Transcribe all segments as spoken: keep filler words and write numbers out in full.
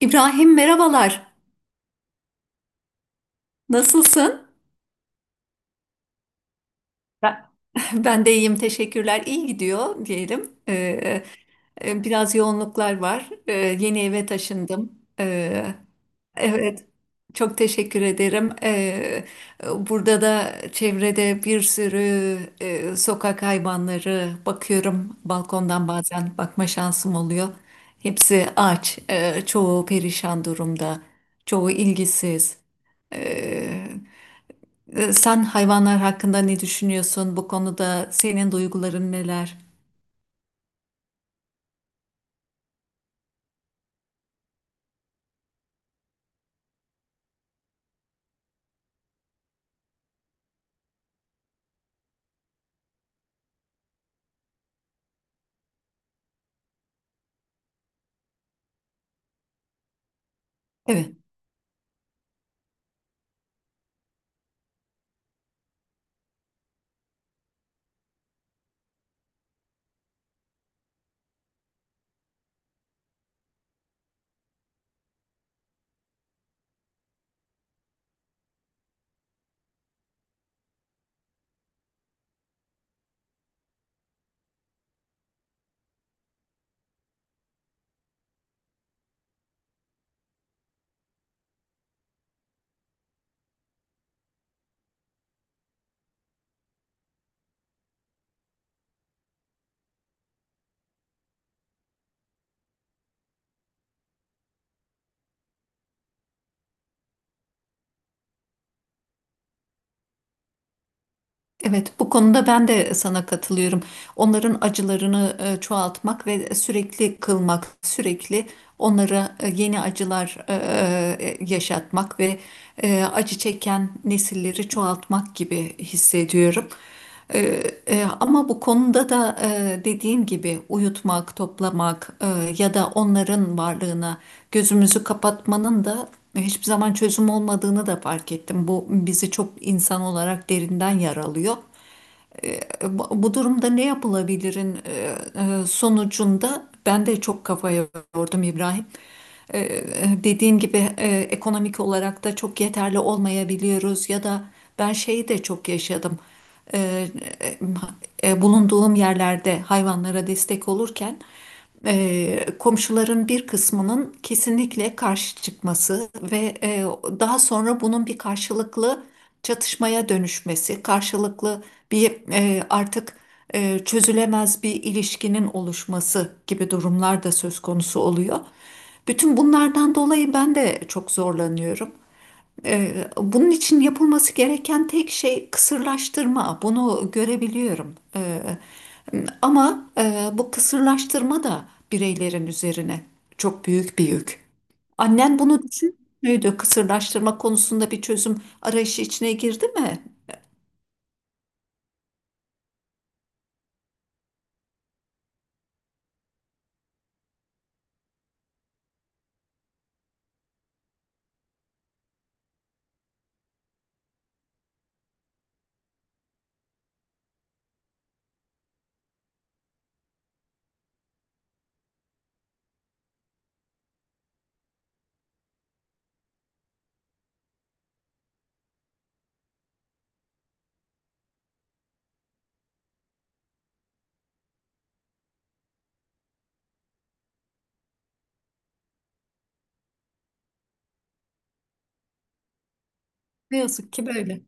İbrahim merhabalar. Nasılsın? Ben- Ben de iyiyim, teşekkürler. İyi gidiyor diyelim. Ee, e, biraz yoğunluklar var. Ee, yeni eve taşındım. Ee, evet, çok teşekkür ederim. Ee, burada da çevrede bir sürü e, sokak hayvanları bakıyorum. Balkondan bazen bakma şansım oluyor. Hepsi aç, e, çoğu perişan durumda, çoğu ilgisiz. Ee, Ee, Sen hayvanlar hakkında ne düşünüyorsun? Bu konuda senin duyguların neler? Evet, evet. Bu konuda ben de sana katılıyorum. Onların acılarını e, çoğaltmak ve sürekli kılmak, sürekli onlara e, yeni acılar e, e, yaşatmak ve e, acı çeken nesilleri çoğaltmak gibi hissediyorum. Ee, e, ama bu konuda da e, dediğin gibi uyutmak, toplamak e, ya da onların varlığına gözümüzü kapatmanın da hiçbir zaman çözüm olmadığını da fark ettim. Bu bizi çok insan olarak derinden yaralıyor. e, bu bu durumda ne yapılabilirin e, e, sonucunda ben de çok kafaya yordum İbrahim. E, e, Dediğin gibi e, ekonomik olarak da çok yeterli olmayabiliyoruz ya da ben şeyi de çok yaşadım. E, e, e, Bulunduğum yerlerde hayvanlara destek olurken e, komşuların bir kısmının kesinlikle karşı çıkması ve e, daha sonra bunun bir karşılıklı çatışmaya dönüşmesi, karşılıklı bir e, artık e, çözülemez bir ilişkinin oluşması gibi durumlar da söz konusu oluyor. Bütün bunlardan dolayı ben de çok zorlanıyorum. Ee, Bunun için yapılması gereken tek şey kısırlaştırma. Bunu görebiliyorum. Ee, Ama e, bu kısırlaştırma da bireylerin üzerine çok büyük bir yük. Annen bunu düşünmüyordu. Kısırlaştırma konusunda bir çözüm arayışı içine girdi mi? Ne yazık ki böyle.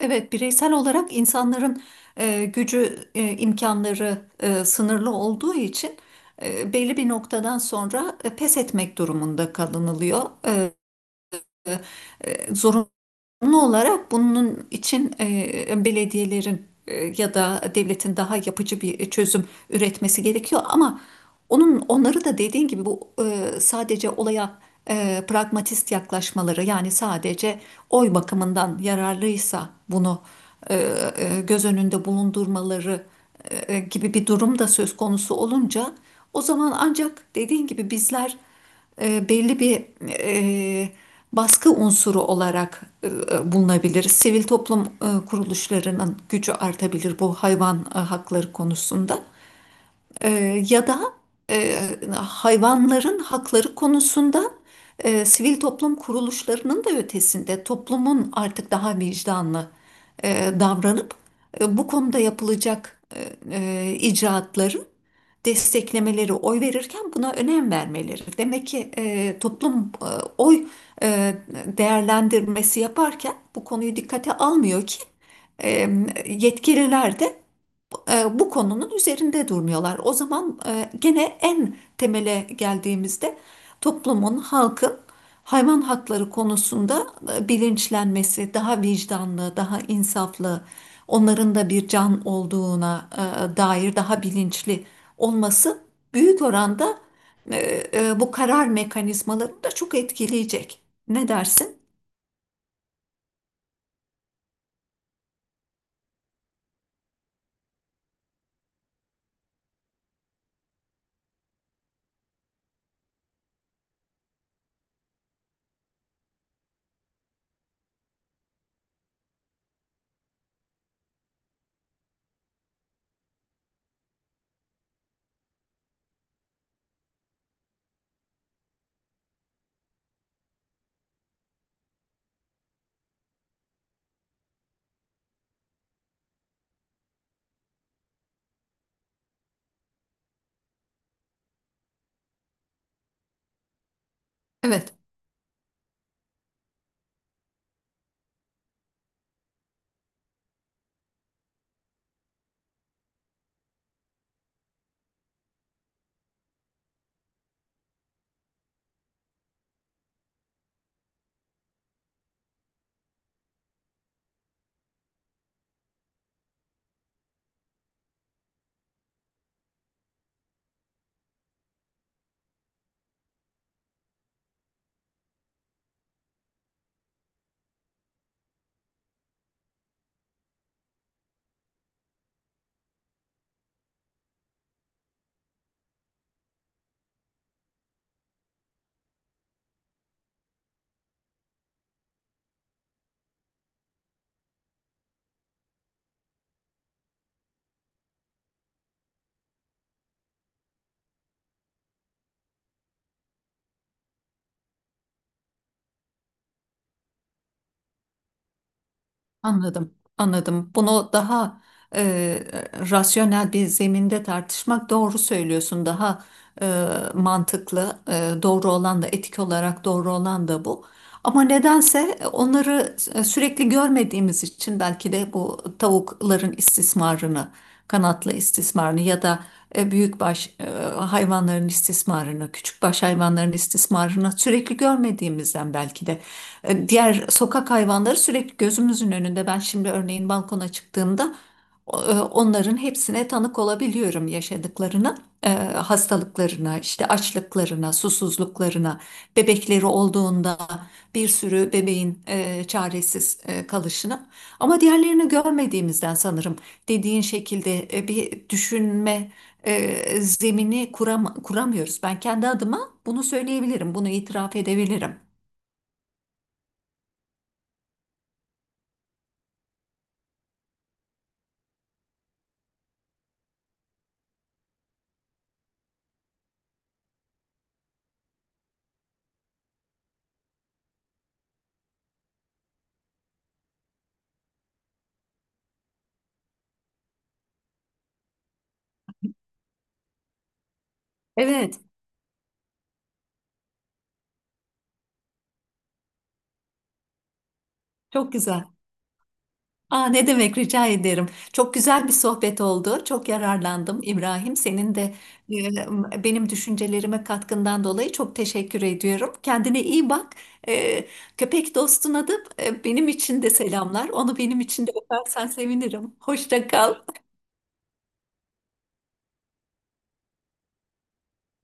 Evet, bireysel olarak insanların e, gücü, e, imkanları e, sınırlı olduğu için e, belli bir noktadan sonra e, pes etmek durumunda kalınılıyor. E, e, zorunlu olarak bunun için e, belediyelerin e, ya da devletin daha yapıcı bir çözüm üretmesi gerekiyor ama onun onları da dediğin gibi bu e, sadece olaya e, pragmatist yaklaşmaları yani sadece oy bakımından yararlıysa bunu e, e, göz önünde bulundurmaları e, gibi bir durum da söz konusu olunca o zaman ancak dediğin gibi bizler e, belli bir e, baskı unsuru olarak e, bulunabilir. Sivil toplum e, kuruluşlarının gücü artabilir bu hayvan e, hakları konusunda. E, Ya da e, hayvanların hakları konusunda e, sivil toplum kuruluşlarının da ötesinde toplumun artık daha vicdanlı e, davranıp e, bu konuda yapılacak e, e, icraatları desteklemeleri, oy verirken buna önem vermeleri. Demek ki e, toplum e, oy e, değerlendirmesi yaparken bu konuyu dikkate almıyor ki e, yetkililer de e, bu konunun üzerinde durmuyorlar. O zaman e, gene en temele geldiğimizde toplumun, halkın hayvan hakları konusunda e, bilinçlenmesi, daha vicdanlı, daha insaflı, onların da bir can olduğuna e, dair daha bilinçli olması büyük oranda e, e, bu karar mekanizmalarını da çok etkileyecek. Ne dersin? Evet. Anladım, anladım. Bunu daha e, rasyonel bir zeminde tartışmak doğru söylüyorsun. Daha e, mantıklı, e, doğru olan da etik olarak doğru olan da bu. Ama nedense e, onları e, sürekli görmediğimiz için belki de bu tavukların istismarını, kanatlı istismarını ya da e, büyükbaş e, hayvanların istismarını, küçükbaş hayvanların istismarını sürekli görmediğimizden belki de. E, Diğer sokak hayvanları sürekli gözümüzün önünde. Ben şimdi örneğin balkona çıktığımda o- e, onların hepsine tanık olabiliyorum yaşadıklarına, e, hastalıklarına, işte açlıklarına, susuzluklarına, bebekleri olduğunda bir sürü bebeğin e, çaresiz e, kalışına. Ama diğerlerini görmediğimizden sanırım dediğin şekilde e, bir düşünme e, zemini kuram kuramıyoruz. Ben kendi adıma bunu söyleyebilirim, bunu itiraf edebilirim. Evet, çok güzel. Aa, ne demek rica ederim. Çok güzel bir sohbet oldu. Çok yararlandım İbrahim. Senin de e, benim düşüncelerime katkından dolayı çok teşekkür ediyorum. Kendine iyi bak. E, Köpek dostuna da e, benim için de selamlar. Onu benim için de öpersen sevinirim. Hoşça kal.